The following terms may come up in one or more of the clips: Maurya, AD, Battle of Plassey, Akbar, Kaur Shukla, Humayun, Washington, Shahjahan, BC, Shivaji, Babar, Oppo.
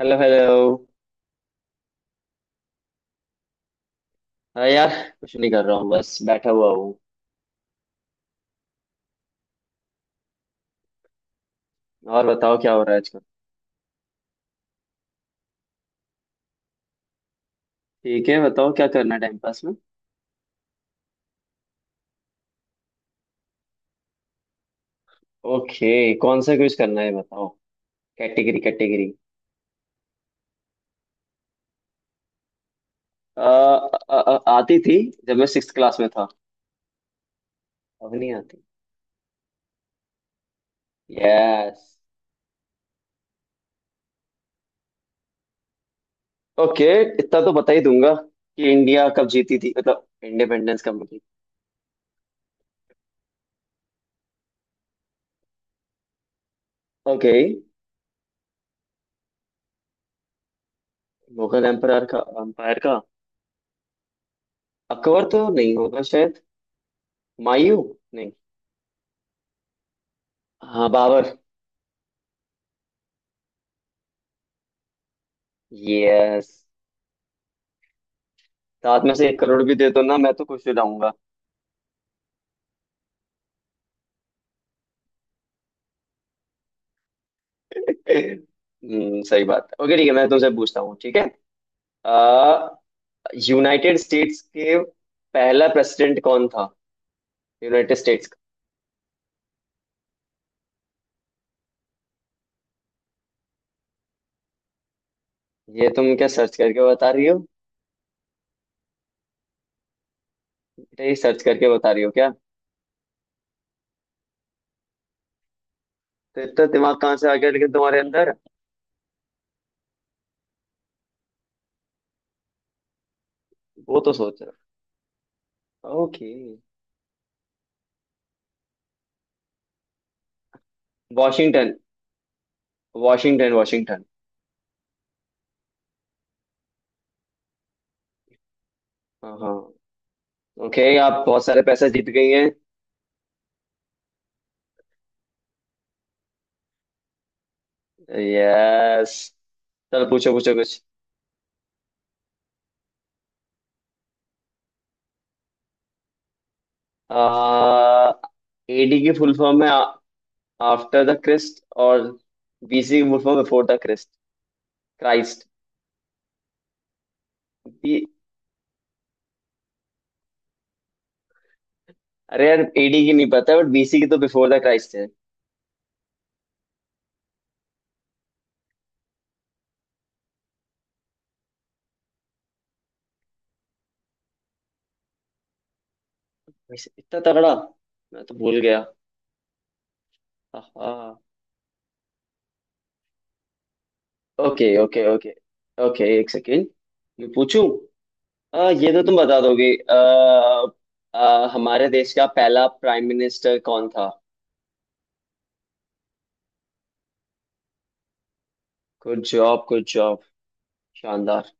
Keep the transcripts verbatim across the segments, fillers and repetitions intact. Hello hello. हाँ यार, कुछ नहीं कर रहा हूँ, बस बैठा हुआ हूँ। और बताओ क्या हो रहा है आजकल? ठीक है, बताओ क्या करना है टाइम पास में। ओके। कौन सा क्विज करना है बताओ? Category category. आ, आ, आ, आती थी जब मैं सिक्स क्लास में था। अब नहीं आती। यस। ओके। इतना तो बता ही दूंगा कि इंडिया कब जीती थी, मतलब इंडिपेंडेंस कब मिली। ओके। मुगल एम्पायर का एम्पायर का अकबर तो नहीं होगा शायद। हुमायूं। नहीं। हाँ बाबर। यस। साथ में से एक करोड़ भी दे दो ना, मैं तो खुश हो जाऊंगा। हम्म, सही बात है। ओके ठीक है, मैं तुमसे पूछता हूँ। ठीक है। अ, यूनाइटेड स्टेट्स के पहला प्रेसिडेंट कौन था? यूनाइटेड स्टेट्स का। ये तुम क्या सर्च करके बता रही हो? बेटा ये सर्च करके बता रही हो क्या? तो इतना दिमाग कहाँ से आ गया लेकिन तुम्हारे अंदर? वो तो सोच रहा। ओके। Washington Washington Washington. हाँ हाँ। ओके, आप बहुत सारे पैसे जीत गई हैं। यस। चलो पूछो पूछो कुछ। एडी की फुल फॉर्म है आफ्टर द क्रिस्ट, और बीसी की full form before the Christ. Christ. अरे यार, एडी की नहीं पता, बट बीसी की तो बिफोर द क्राइस्ट है। वैसे इतना तगड़ा, मैं तो भूल गया। हाँ। Okay okay okay. ओके एक सेकेंड। मैं पूछूं। आ, ये तो तुम बता दोगे। आ, आ, हमारे देश का पहला प्राइम मिनिस्टर कौन था? Good job good job. शानदार।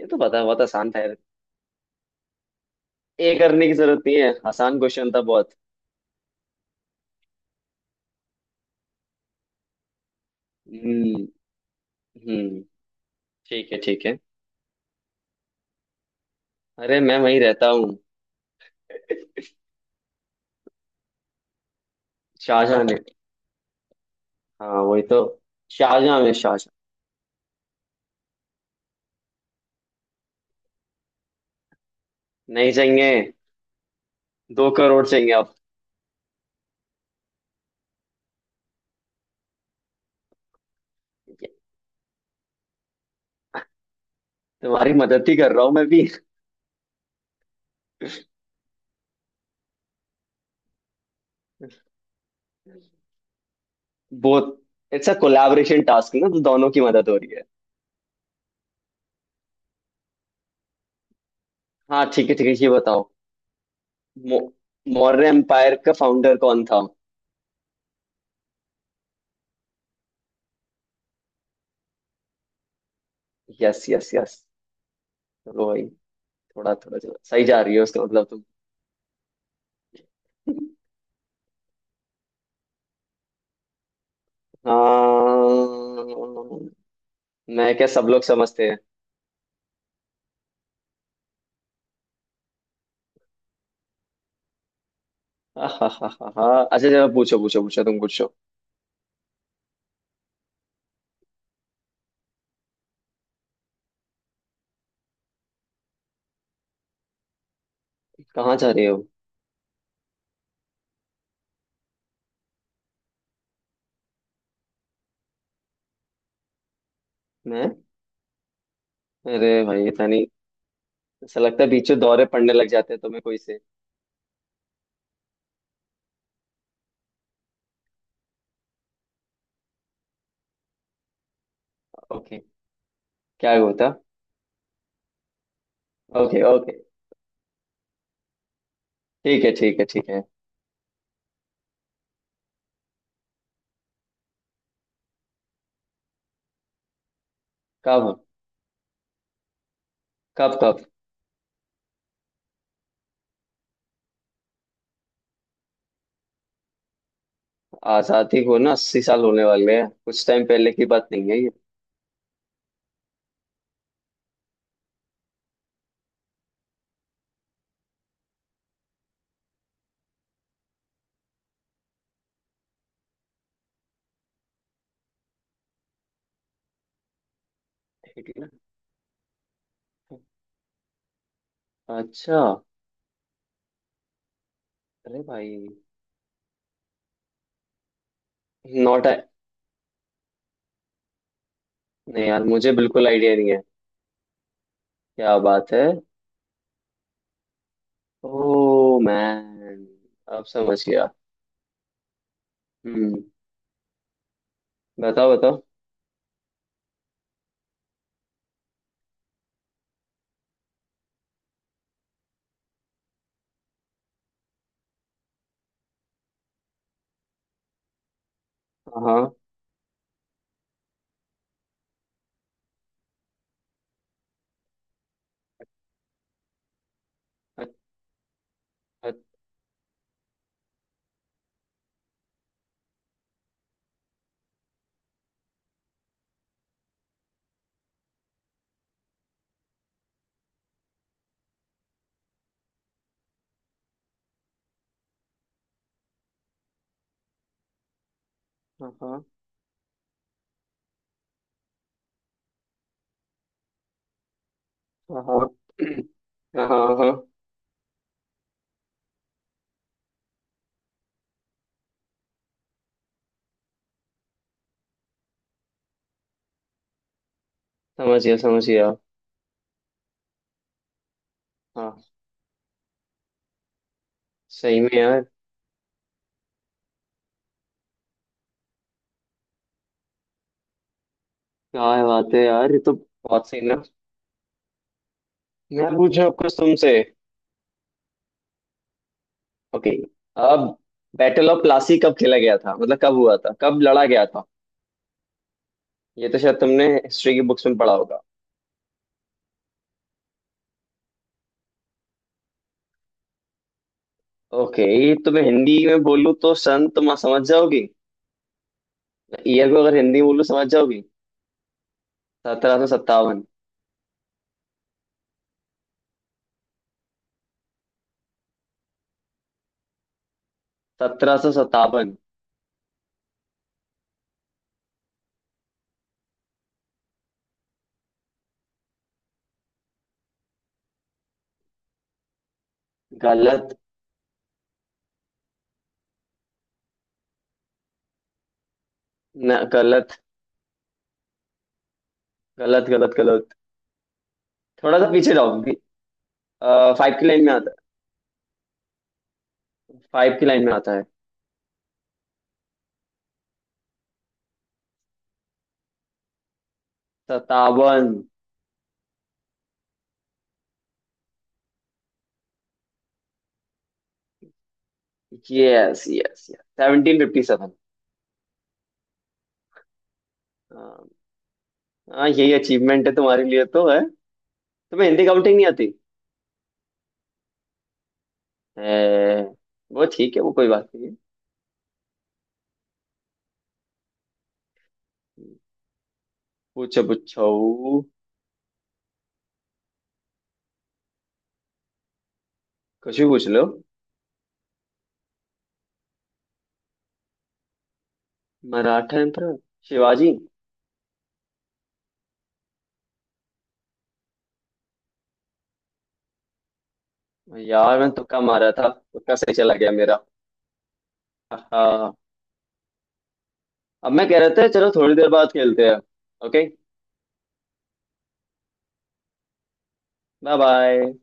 ये तो पता, बहुत आसान था। ए करने की जरूरत नहीं है, आसान क्वेश्चन था बहुत। हम्म हम्म। ठीक है ठीक है। अरे मैं वहीं रहता हूँ। शाहजहां ने। हाँ वही तो। शाहजहां में शाहजहां। नहीं चाहिए। दो करोड़ चाहिए अब। तुम्हारी मदद ही कर रहा हूँ मैं भी। बहुत। इट्स अ कोलैबोरेशन टास्क ना, तो दोनों की मदद हो रही है। हाँ ठीक है ठीक है, ये बताओ। मौ, मौर्य एम्पायर का फाउंडर कौन था? Yes yes yes. वही। थोड़ा थोड़ा चलो, सही जा रही है उसका मतलब। तुम। हाँ, मैं क्या, सब लोग समझते हैं। हाँ हाँ हाँ हाँ हाँ। अच्छा, चलो पूछो पूछो पूछो, तुम पूछो। कहाँ जा रहे हो? मैं। अरे भाई, इतना नहीं। ऐसा लगता है बीच में दौरे पड़ने लग जाते हैं तुम्हें, कोई से। ओके। क्या होता। Okay okay. ठीक है ठीक है ठीक है। कब कब कब? आजादी को ना अस्सी साल होने वाले हैं, कुछ टाइम पहले की बात नहीं है ये। ठीक है ना। अच्छा। अरे भाई। नॉट। नहीं यार, मुझे बिल्कुल आइडिया नहीं है। क्या बात है। ओह मैन, अब समझ गया। हम्म। बताओ बताओ। हाँ हाँ हाँ हाँ हाँ हाँ हाँ हाँ, समझ गया समझ गया। हाँ। सही में यार। क्या बात है यार, ये तो बहुत सही ना। मैं पूछूं अब कुछ तुमसे। ओके। अब बैटल ऑफ प्लासी कब खेला गया था, मतलब कब हुआ था, कब लड़ा गया था? ये तो शायद तुमने हिस्ट्री की बुक्स में पढ़ा होगा। ओके तो मैं हिंदी में बोलूँ तो सन तुम समझ जाओगी? ईयर को अगर हिंदी में बोलूँ, समझ जाओगी? सत्रह सौ सत्तावन। सत्रह सौ सत्तावन। गलत। न गलत गलत गलत। गलत, थोड़ा सा पीछे जाओ। आ, फाइव की लाइन में आता है। फाइव की लाइन में आता है। सत्तावन। Yes yes yes, seventeen fifty seven. हाँ, यही अचीवमेंट है तुम्हारे लिए तो है। तुम्हें हिंदी काउंटिंग नहीं आती है। वो ठीक है, वो कोई बात नहीं है। पूछो पूछो, कुछ भी पूछ लो। मराठा एम्परर शिवाजी। यार मैं तुक्का मारा था, तुक्का सही चला गया मेरा। अब मैं कह रहा था, चलो थोड़ी देर बाद खेलते हैं। ओके। Bye bye.